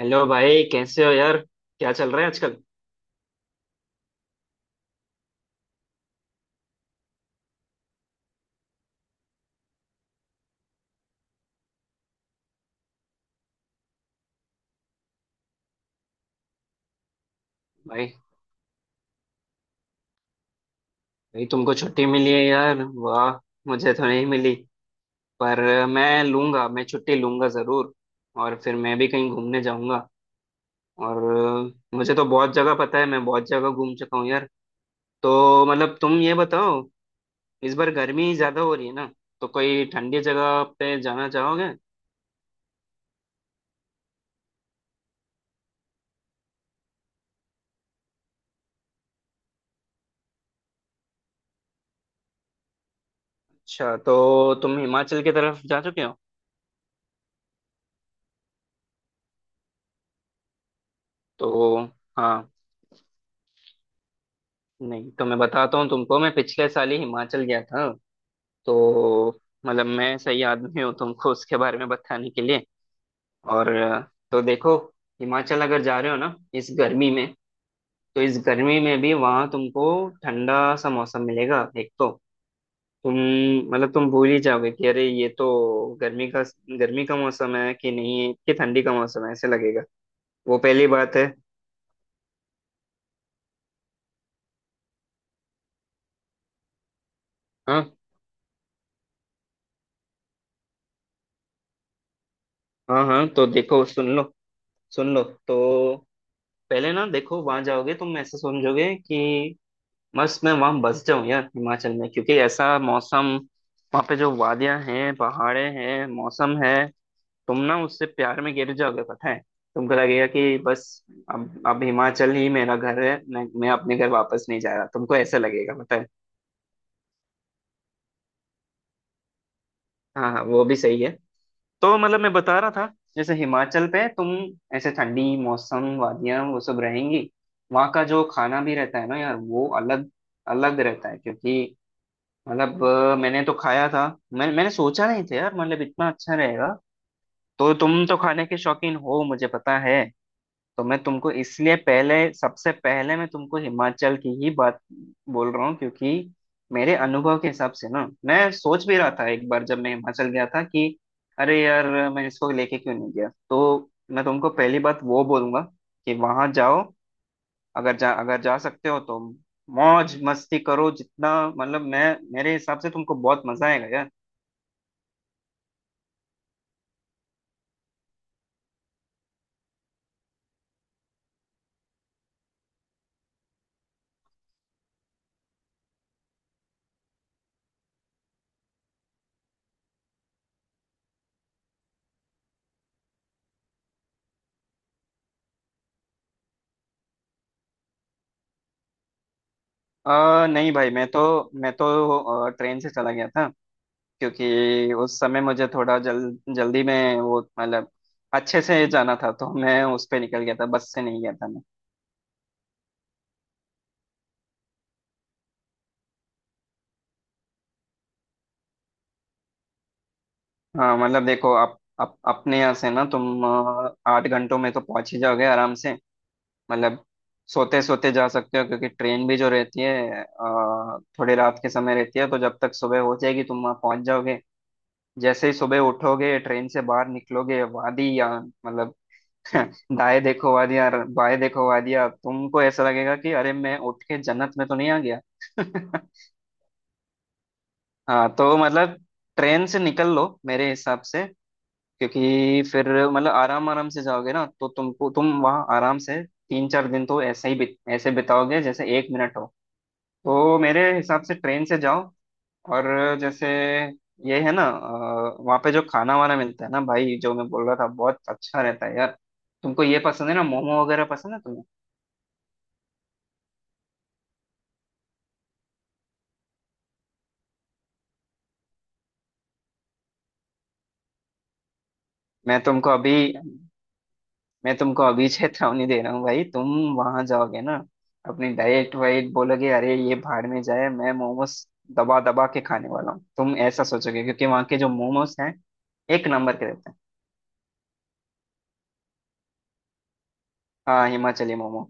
Hello भाई, कैसे हो यार? क्या चल रहा है आजकल? भाई भाई तुमको छुट्टी मिली है यार, वाह। मुझे तो नहीं मिली, पर मैं लूंगा। मैं छुट्टी लूंगा जरूर, और फिर मैं भी कहीं घूमने जाऊंगा। और मुझे तो बहुत जगह पता है, मैं बहुत जगह घूम चुका हूँ यार। तो मतलब तुम ये बताओ, इस बार गर्मी ज्यादा हो रही है ना, तो कोई ठंडी जगह पे जाना चाहोगे? अच्छा, तो तुम हिमाचल की तरफ जा चुके हो? तो हाँ। नहीं, तो मैं बताता हूँ तुमको, मैं पिछले साल ही हिमाचल गया था। तो मतलब मैं सही आदमी हूँ तुमको उसके बारे में बताने के लिए। और तो देखो, हिमाचल अगर जा रहे हो ना इस गर्मी में, तो इस गर्मी में भी वहाँ तुमको ठंडा सा मौसम मिलेगा एक तो। तुम मतलब तुम भूल ही जाओगे कि अरे, ये तो गर्मी का गर्मी का मौसम है कि नहीं, कि ठंडी का मौसम है, ऐसे लगेगा। वो पहली बात है। हाँ हाँ हाँ, तो देखो, सुन लो। सुन लो तो, पहले ना देखो, वहां जाओगे तुम ऐसे समझोगे कि बस मैं वहां बस जाऊं यार हिमाचल में, क्योंकि ऐसा मौसम, वहां पे जो वादियां हैं, पहाड़े हैं, मौसम है, तुम ना उससे प्यार में गिर जाओगे, पता है। तुमको लगेगा कि बस अब हिमाचल ही मेरा घर है, मैं अपने घर वापस नहीं जा रहा, तुमको ऐसा लगेगा, पता है। हाँ हाँ, वो भी सही है। तो मतलब मैं बता रहा था, जैसे हिमाचल पे तुम ऐसे ठंडी मौसम, वादियां, वो सब रहेंगी। वहाँ का जो खाना भी रहता है ना यार, वो अलग अलग रहता है, क्योंकि मतलब मैंने तो खाया था। मैंने सोचा नहीं था यार, मतलब इतना अच्छा रहेगा। तो तुम तो खाने के शौकीन हो, मुझे पता है। तो मैं तुमको इसलिए पहले, सबसे पहले मैं तुमको हिमाचल की ही बात बोल रहा हूँ, क्योंकि मेरे अनुभव के हिसाब से ना, मैं सोच भी रहा था एक बार जब मैं हिमाचल गया था कि अरे यार, मैं इसको लेके क्यों नहीं गया। तो मैं तुमको पहली बात वो बोलूंगा कि वहां जाओ। अगर जा सकते हो तो मौज मस्ती करो जितना, मतलब मैं, मेरे हिसाब से तुमको बहुत मजा आएगा यार। नहीं भाई, मैं तो ट्रेन से चला गया था, क्योंकि उस समय मुझे थोड़ा जल जल्दी में, वो मतलब अच्छे से जाना था, तो मैं उस पे निकल गया था, बस से नहीं गया था मैं। हाँ मतलब देखो, आप अपने यहाँ से ना तुम आठ घंटों में तो पहुंच ही जाओगे आराम से। मतलब सोते सोते जा सकते हो, क्योंकि ट्रेन भी जो रहती है थोड़ी रात के समय रहती है, तो जब तक सुबह हो जाएगी, तुम वहां पहुंच जाओगे। जैसे ही सुबह उठोगे, ट्रेन से बाहर निकलोगे, वादी या मतलब दाएं देखो वादियां, बाएं देखो वादियां, तुमको ऐसा लगेगा कि अरे, मैं उठ के जन्नत में तो नहीं आ गया। हाँ, तो मतलब ट्रेन से निकल लो मेरे हिसाब से, क्योंकि फिर मतलब आराम आराम से जाओगे ना, तो तुमको, तुम वहाँ आराम से तीन चार दिन तो ऐसे ही ऐसे बिताओगे जैसे एक मिनट हो। तो मेरे हिसाब से ट्रेन से जाओ। और जैसे, ये है ना वहाँ पे जो खाना वाना मिलता है ना भाई, जो मैं बोल रहा था, बहुत अच्छा रहता है यार। तुमको ये पसंद है ना, मोमो वगैरह पसंद है तुम्हें? मैं तुमको अभी मैं तुमको अभी चेतावनी दे रहा हूँ भाई, तुम वहां जाओगे ना, अपनी डाइट वाइट बोलोगे अरे ये भाड़ में जाए, मैं मोमोस दबा दबा के खाने वाला हूँ, तुम ऐसा सोचोगे, क्योंकि वहाँ के जो मोमोस हैं, एक नंबर के रहते हैं। हाँ, हिमाचली मोमो।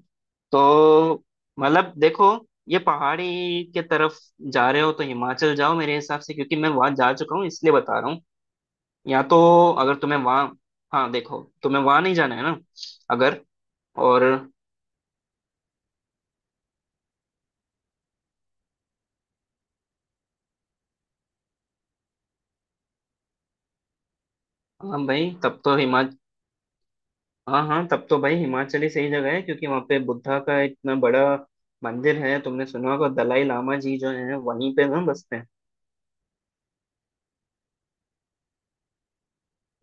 तो मतलब देखो, ये पहाड़ी के तरफ जा रहे हो तो हिमाचल जाओ मेरे हिसाब से, क्योंकि मैं वहां जा चुका हूँ इसलिए बता रहा हूँ। या तो अगर तुम्हें वहां, हाँ देखो, तुम्हें वहां नहीं जाना है ना, अगर। और हाँ भाई, तब तो हिमाचल, हाँ हाँ, तब तो भाई हिमाचल ही सही जगह है, क्योंकि वहाँ पे बुद्धा का इतना बड़ा मंदिर है, तुमने सुना होगा, दलाई लामा जी जो है वहीं पे ना बसते हैं।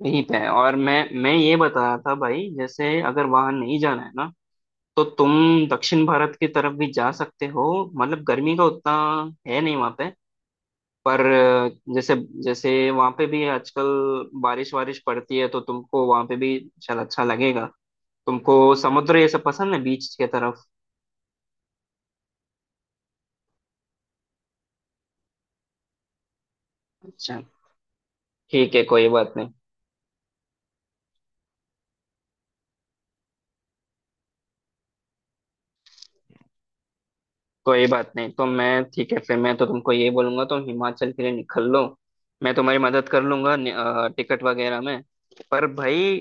वहीं पे है। और मैं, ये बता रहा था भाई, जैसे अगर वहां नहीं जाना है ना, तो तुम दक्षिण भारत की तरफ भी जा सकते हो, मतलब गर्मी का उतना है नहीं वहाँ पे। पर जैसे, जैसे वहाँ पे भी आजकल बारिश वारिश पड़ती है, तो तुमको वहाँ पे भी शायद अच्छा लगेगा। तुमको समुद्र ये सब पसंद है, बीच के तरफ? अच्छा, ठीक है, कोई बात नहीं। कोई बात नहीं, तो मैं, ठीक है, फिर मैं तो तुमको ये बोलूंगा तुम हिमाचल के लिए निकल लो। मैं तुम्हारी मदद कर लूंगा टिकट वगैरह में। पर भाई,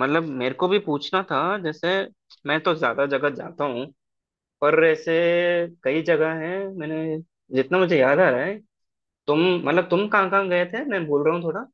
मतलब मेरे को भी पूछना था, जैसे मैं तो ज्यादा जगह जाता हूँ, पर ऐसे कई जगह हैं, मैंने, जितना मुझे याद आ रहा है, तुम मतलब तुम कहाँ कहाँ गए थे, मैं भूल रहा हूँ थोड़ा।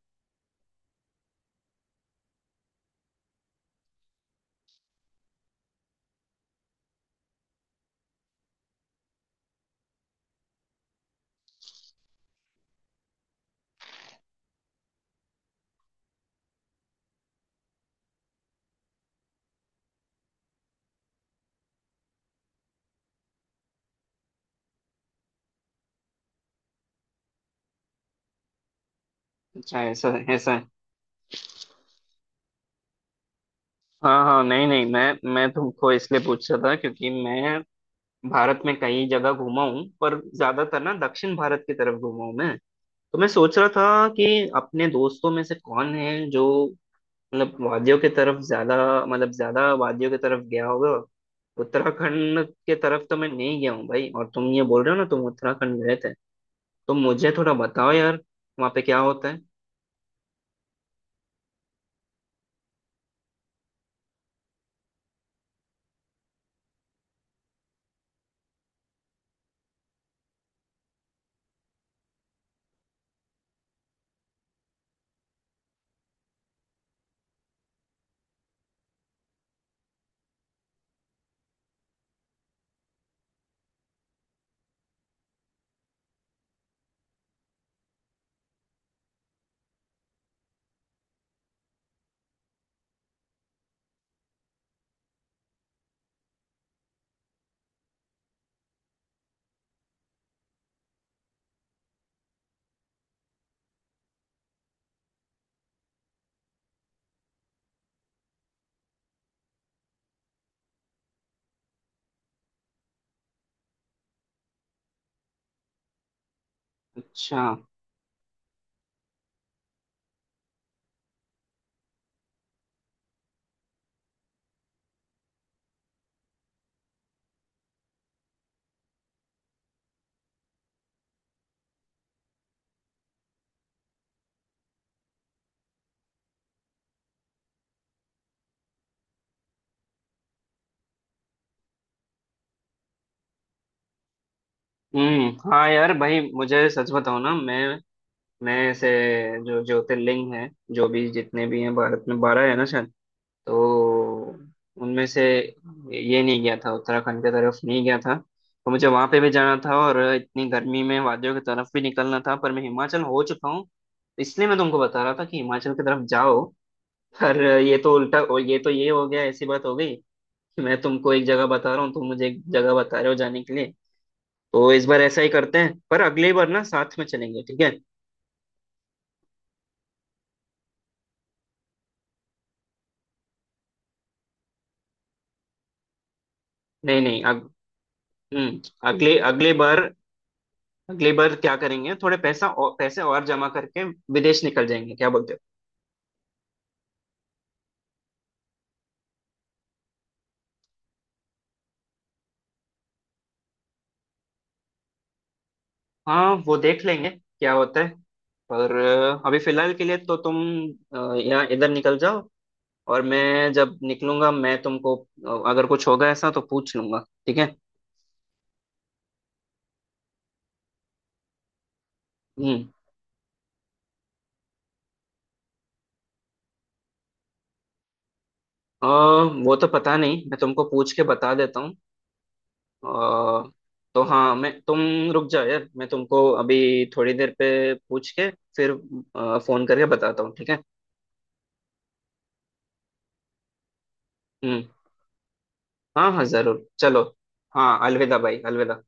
अच्छा, ऐसा है, ऐसा है। हाँ हाँ, नहीं नहीं, मैं तुमको इसलिए पूछ रहा था, क्योंकि मैं भारत में कई जगह घूमा हूँ, पर ज्यादातर ना दक्षिण भारत की तरफ घूमा हूँ मैं। तो मैं सोच रहा था कि अपने दोस्तों में से कौन है जो मतलब वादियों की तरफ ज्यादा, मतलब ज्यादा वादियों की तरफ गया होगा। उत्तराखंड के तरफ तो मैं नहीं गया हूँ भाई, और तुम ये बोल रहे हो ना तुम उत्तराखंड गए थे, तो मुझे थोड़ा बताओ यार वहाँ पे क्या होता है। अच्छा, हम्म, हाँ यार भाई, मुझे सच बताओ ना, मैं ऐसे, जो ज्योतिर्लिंग है, जो भी जितने भी हैं भारत में, बारह है ना शायद, तो उनमें से ये नहीं गया था, उत्तराखंड की तरफ नहीं गया था। तो मुझे वहाँ पे भी जाना था और इतनी गर्मी में वादियों की तरफ भी निकलना था, पर मैं हिमाचल हो चुका हूँ, इसलिए मैं तुमको बता रहा था कि हिमाचल की तरफ जाओ। पर ये तो उल्टा, और ये तो ये हो गया, ऐसी बात हो गई। मैं तुमको एक जगह बता रहा हूँ, तुम मुझे एक जगह बता रहे हो जाने के लिए। तो इस बार ऐसा ही करते हैं, पर अगली बार ना साथ में चलेंगे, ठीक है? नहीं नहीं, हम्म अगले अगले बार क्या करेंगे, थोड़े पैसा और, पैसे और जमा करके विदेश निकल जाएंगे, क्या बोलते हो? हाँ, वो देख लेंगे क्या होता है। पर अभी फिलहाल के लिए तो तुम यहाँ इधर निकल जाओ, और मैं जब निकलूंगा, मैं तुमको अगर कुछ होगा ऐसा तो पूछ लूंगा, ठीक है? हम्म। अ, वो तो पता नहीं, मैं तुमको पूछ के बता देता हूँ। अ, तो हाँ, मैं तुम रुक जाओ यार, मैं तुमको अभी थोड़ी देर पे पूछ के फिर फोन करके बताता हूँ, ठीक है? हम्म, हाँ हाँ, जरूर, चलो। हाँ, अलविदा भाई, अलविदा।